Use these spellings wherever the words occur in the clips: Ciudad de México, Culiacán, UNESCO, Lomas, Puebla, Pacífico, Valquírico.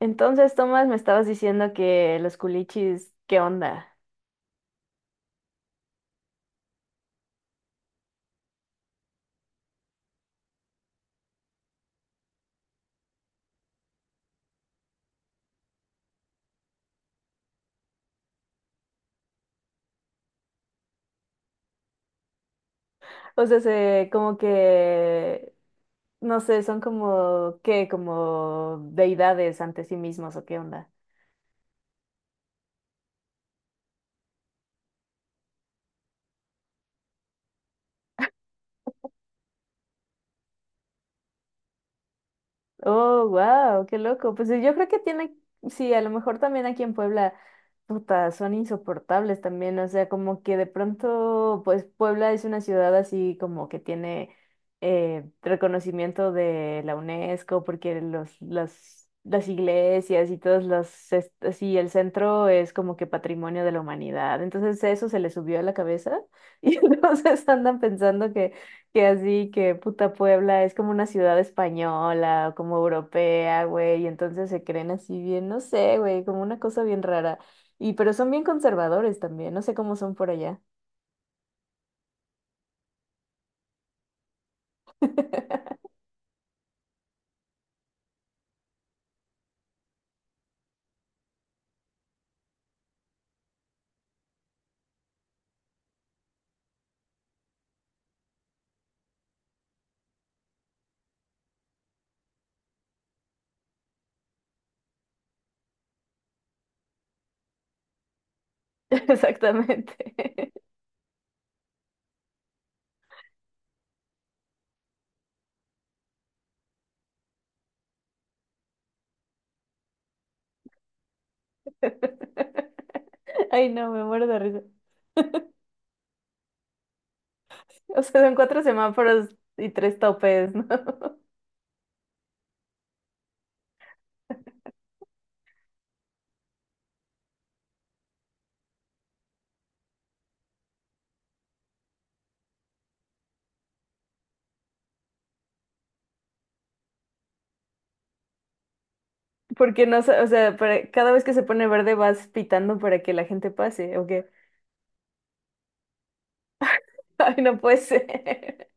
Entonces, Tomás, me estabas diciendo que los culichis, ¿qué onda? O sea, como que, no sé, son como, ¿qué? Como deidades ante sí mismos, ¿o qué onda? Oh, wow, qué loco. Pues yo creo que tiene, sí, a lo mejor también aquí en Puebla, puta, son insoportables también. O sea, como que de pronto, pues Puebla es una ciudad así como que tiene reconocimiento de la UNESCO, porque las iglesias y así, el centro es como que patrimonio de la humanidad. Entonces eso se le subió a la cabeza y entonces andan pensando que así, que puta Puebla es como una ciudad española o como europea, güey, y entonces se creen así bien, no sé, güey, como una cosa bien rara. Y pero son bien conservadores también, no sé cómo son por allá. Exactamente. Ay, no, me muero de risa. O sea, son cuatro semáforos y tres topes, ¿no? Porque no, sa- o sea, para- cada vez que se pone verde vas pitando para que la gente pase, ¿o qué? Ay, no puede ser.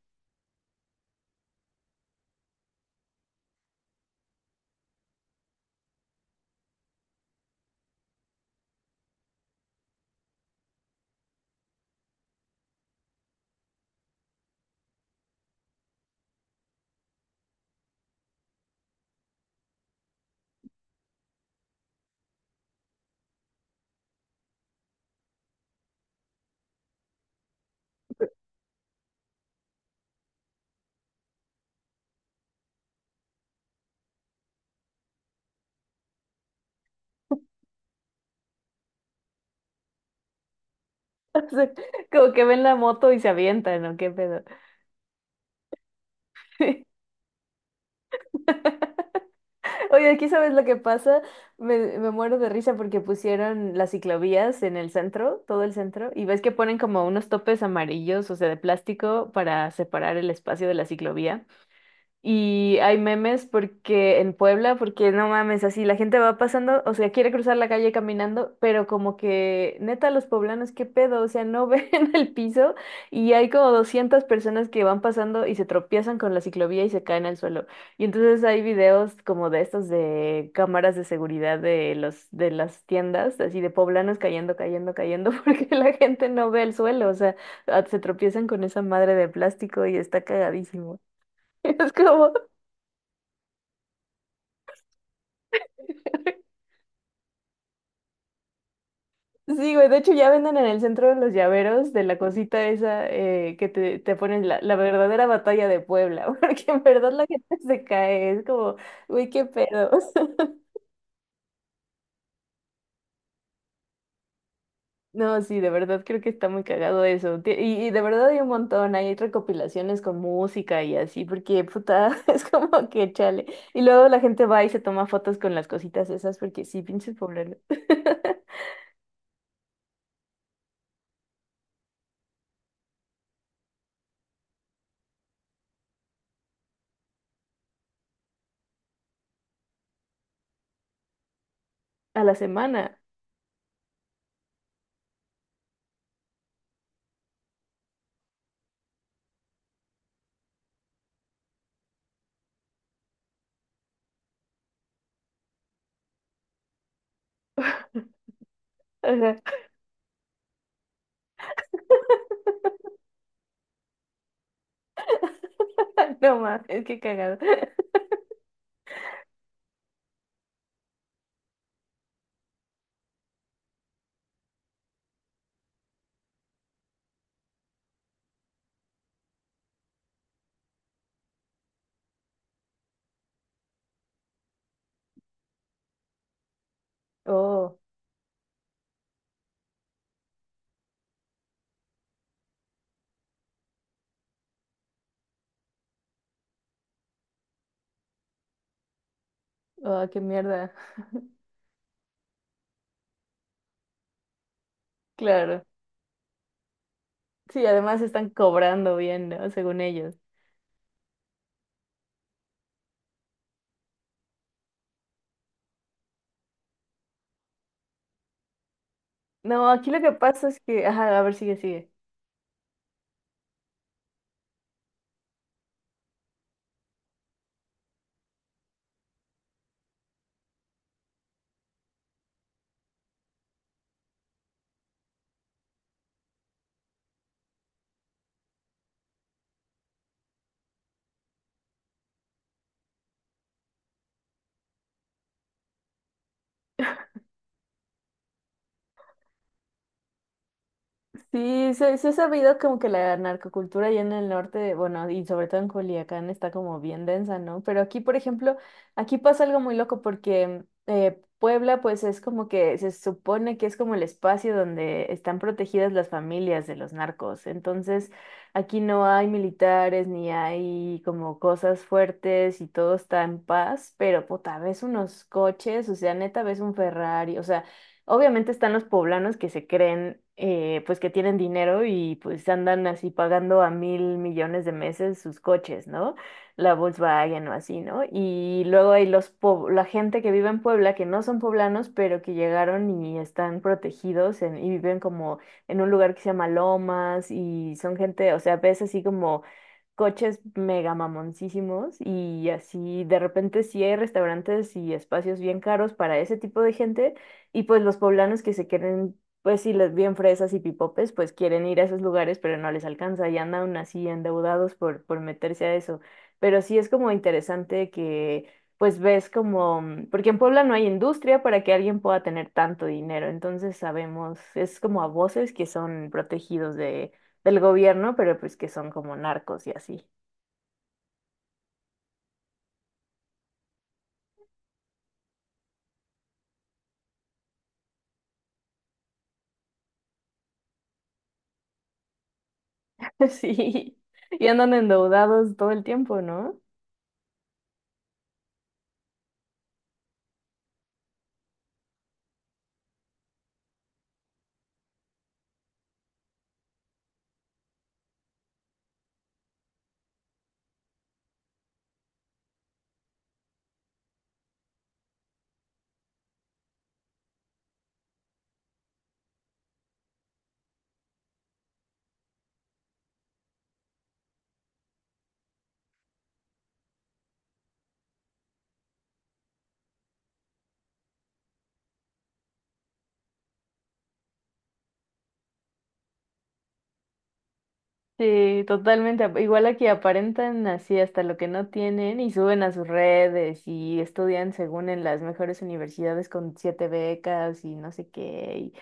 O sea, como que ven la moto y se avientan, ¿o qué pedo? Oye, aquí sabes lo que pasa, me muero de risa porque pusieron las ciclovías en el centro, todo el centro, y ves que ponen como unos topes amarillos, o sea, de plástico para separar el espacio de la ciclovía. Y hay memes porque en Puebla, porque no mames, así la gente va pasando, o sea, quiere cruzar la calle caminando, pero como que neta los poblanos, qué pedo, o sea, no ven el piso y hay como 200 personas que van pasando y se tropiezan con la ciclovía y se caen al suelo. Y entonces hay videos como de estos de cámaras de seguridad de los de las tiendas, así de poblanos cayendo, cayendo, cayendo porque la gente no ve el suelo, o sea, ah, se tropiezan con esa madre de plástico y está cagadísimo. Es como, sí, güey, de hecho ya venden en el centro de los llaveros de la cosita esa que te ponen la verdadera batalla de Puebla, porque en verdad la gente se cae, es como, güey, qué pedos. No, sí, de verdad creo que está muy cagado eso. Y de verdad hay un montón, hay recopilaciones con música y así, porque puta, es como que chale. Y luego la gente va y se toma fotos con las cositas esas, porque sí, pinches pobres. A la semana. Ajá. No más, es que cagado. Oh. Ah, qué mierda. Claro. Sí, además están cobrando bien, ¿no? Según ellos. No, aquí lo que pasa es que, ajá, a ver, sigue, sigue. Sí, se ha sabido como que la narcocultura allá en el norte, bueno, y sobre todo en Culiacán está como bien densa, ¿no? Pero aquí, por ejemplo, aquí pasa algo muy loco porque Puebla, pues es como que se supone que es como el espacio donde están protegidas las familias de los narcos. Entonces, aquí no hay militares ni hay como cosas fuertes y todo está en paz, pero puta, ves unos coches, o sea, neta, ves un Ferrari, o sea. Obviamente están los poblanos que se creen, pues que tienen dinero y pues andan así pagando a 1.000.000.000 de meses sus coches, ¿no? La Volkswagen o así, ¿no? Y luego hay la gente que vive en Puebla que no son poblanos, pero que llegaron y están protegidos y viven como en un lugar que se llama Lomas y son gente, o sea, ves así como coches mega mamoncísimos y así de repente sí hay restaurantes y espacios bien caros para ese tipo de gente y pues los poblanos que se quieren, pues sí, les bien fresas y pipopes, pues quieren ir a esos lugares, pero no les alcanza y andan aún así endeudados por meterse a eso. Pero sí es como interesante que pues ves como, mm, porque en Puebla no hay industria para que alguien pueda tener tanto dinero, entonces sabemos, es como a voces que son protegidos del gobierno, pero pues que son como narcos y así. Sí, y andan endeudados todo el tiempo, ¿no? Sí, totalmente. Igual aquí aparentan así hasta lo que no tienen y suben a sus redes y estudian según en las mejores universidades con siete becas y no sé qué. Y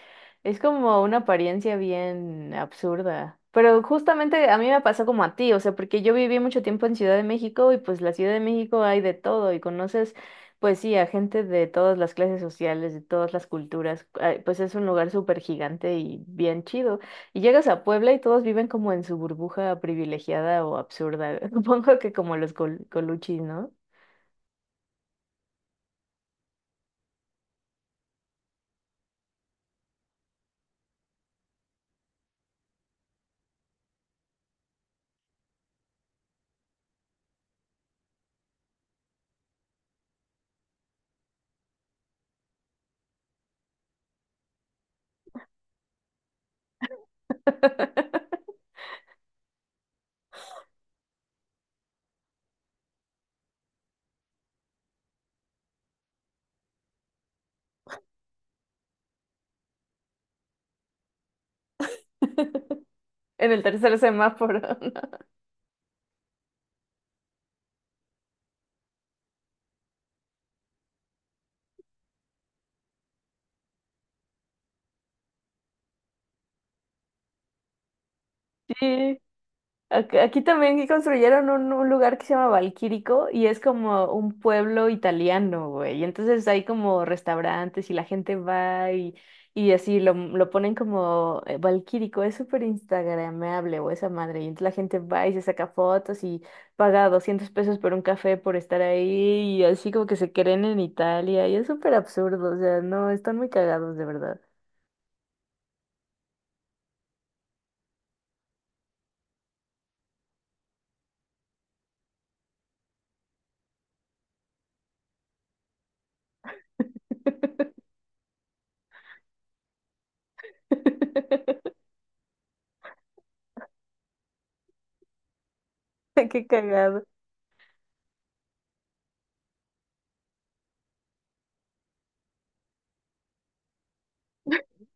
es como una apariencia bien absurda. Pero justamente a mí me pasó como a ti, o sea, porque yo viví mucho tiempo en Ciudad de México y pues la Ciudad de México hay de todo y conoces, pues sí, a gente de todas las clases sociales, de todas las culturas. Ah, pues es un lugar súper gigante y bien chido. Y llegas a Puebla y todos viven como en su burbuja privilegiada o absurda. Supongo que como los coluchis, ¿no? En el tercer semáforo, ¿no? Sí, aquí también construyeron un lugar que se llama Valquírico y es como un pueblo italiano, güey. Y entonces hay como restaurantes y la gente va y así lo ponen como Valquírico. Es súper instagrameable o esa madre. Y entonces la gente va y se saca fotos y paga 200 pesos por un café por estar ahí y así como que se creen en Italia. Y es súper absurdo, o sea, no, están muy cagados de verdad. Qué cagado.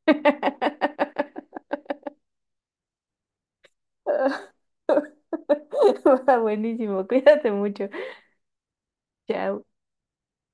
Va, buenísimo, cuídate mucho. Chao.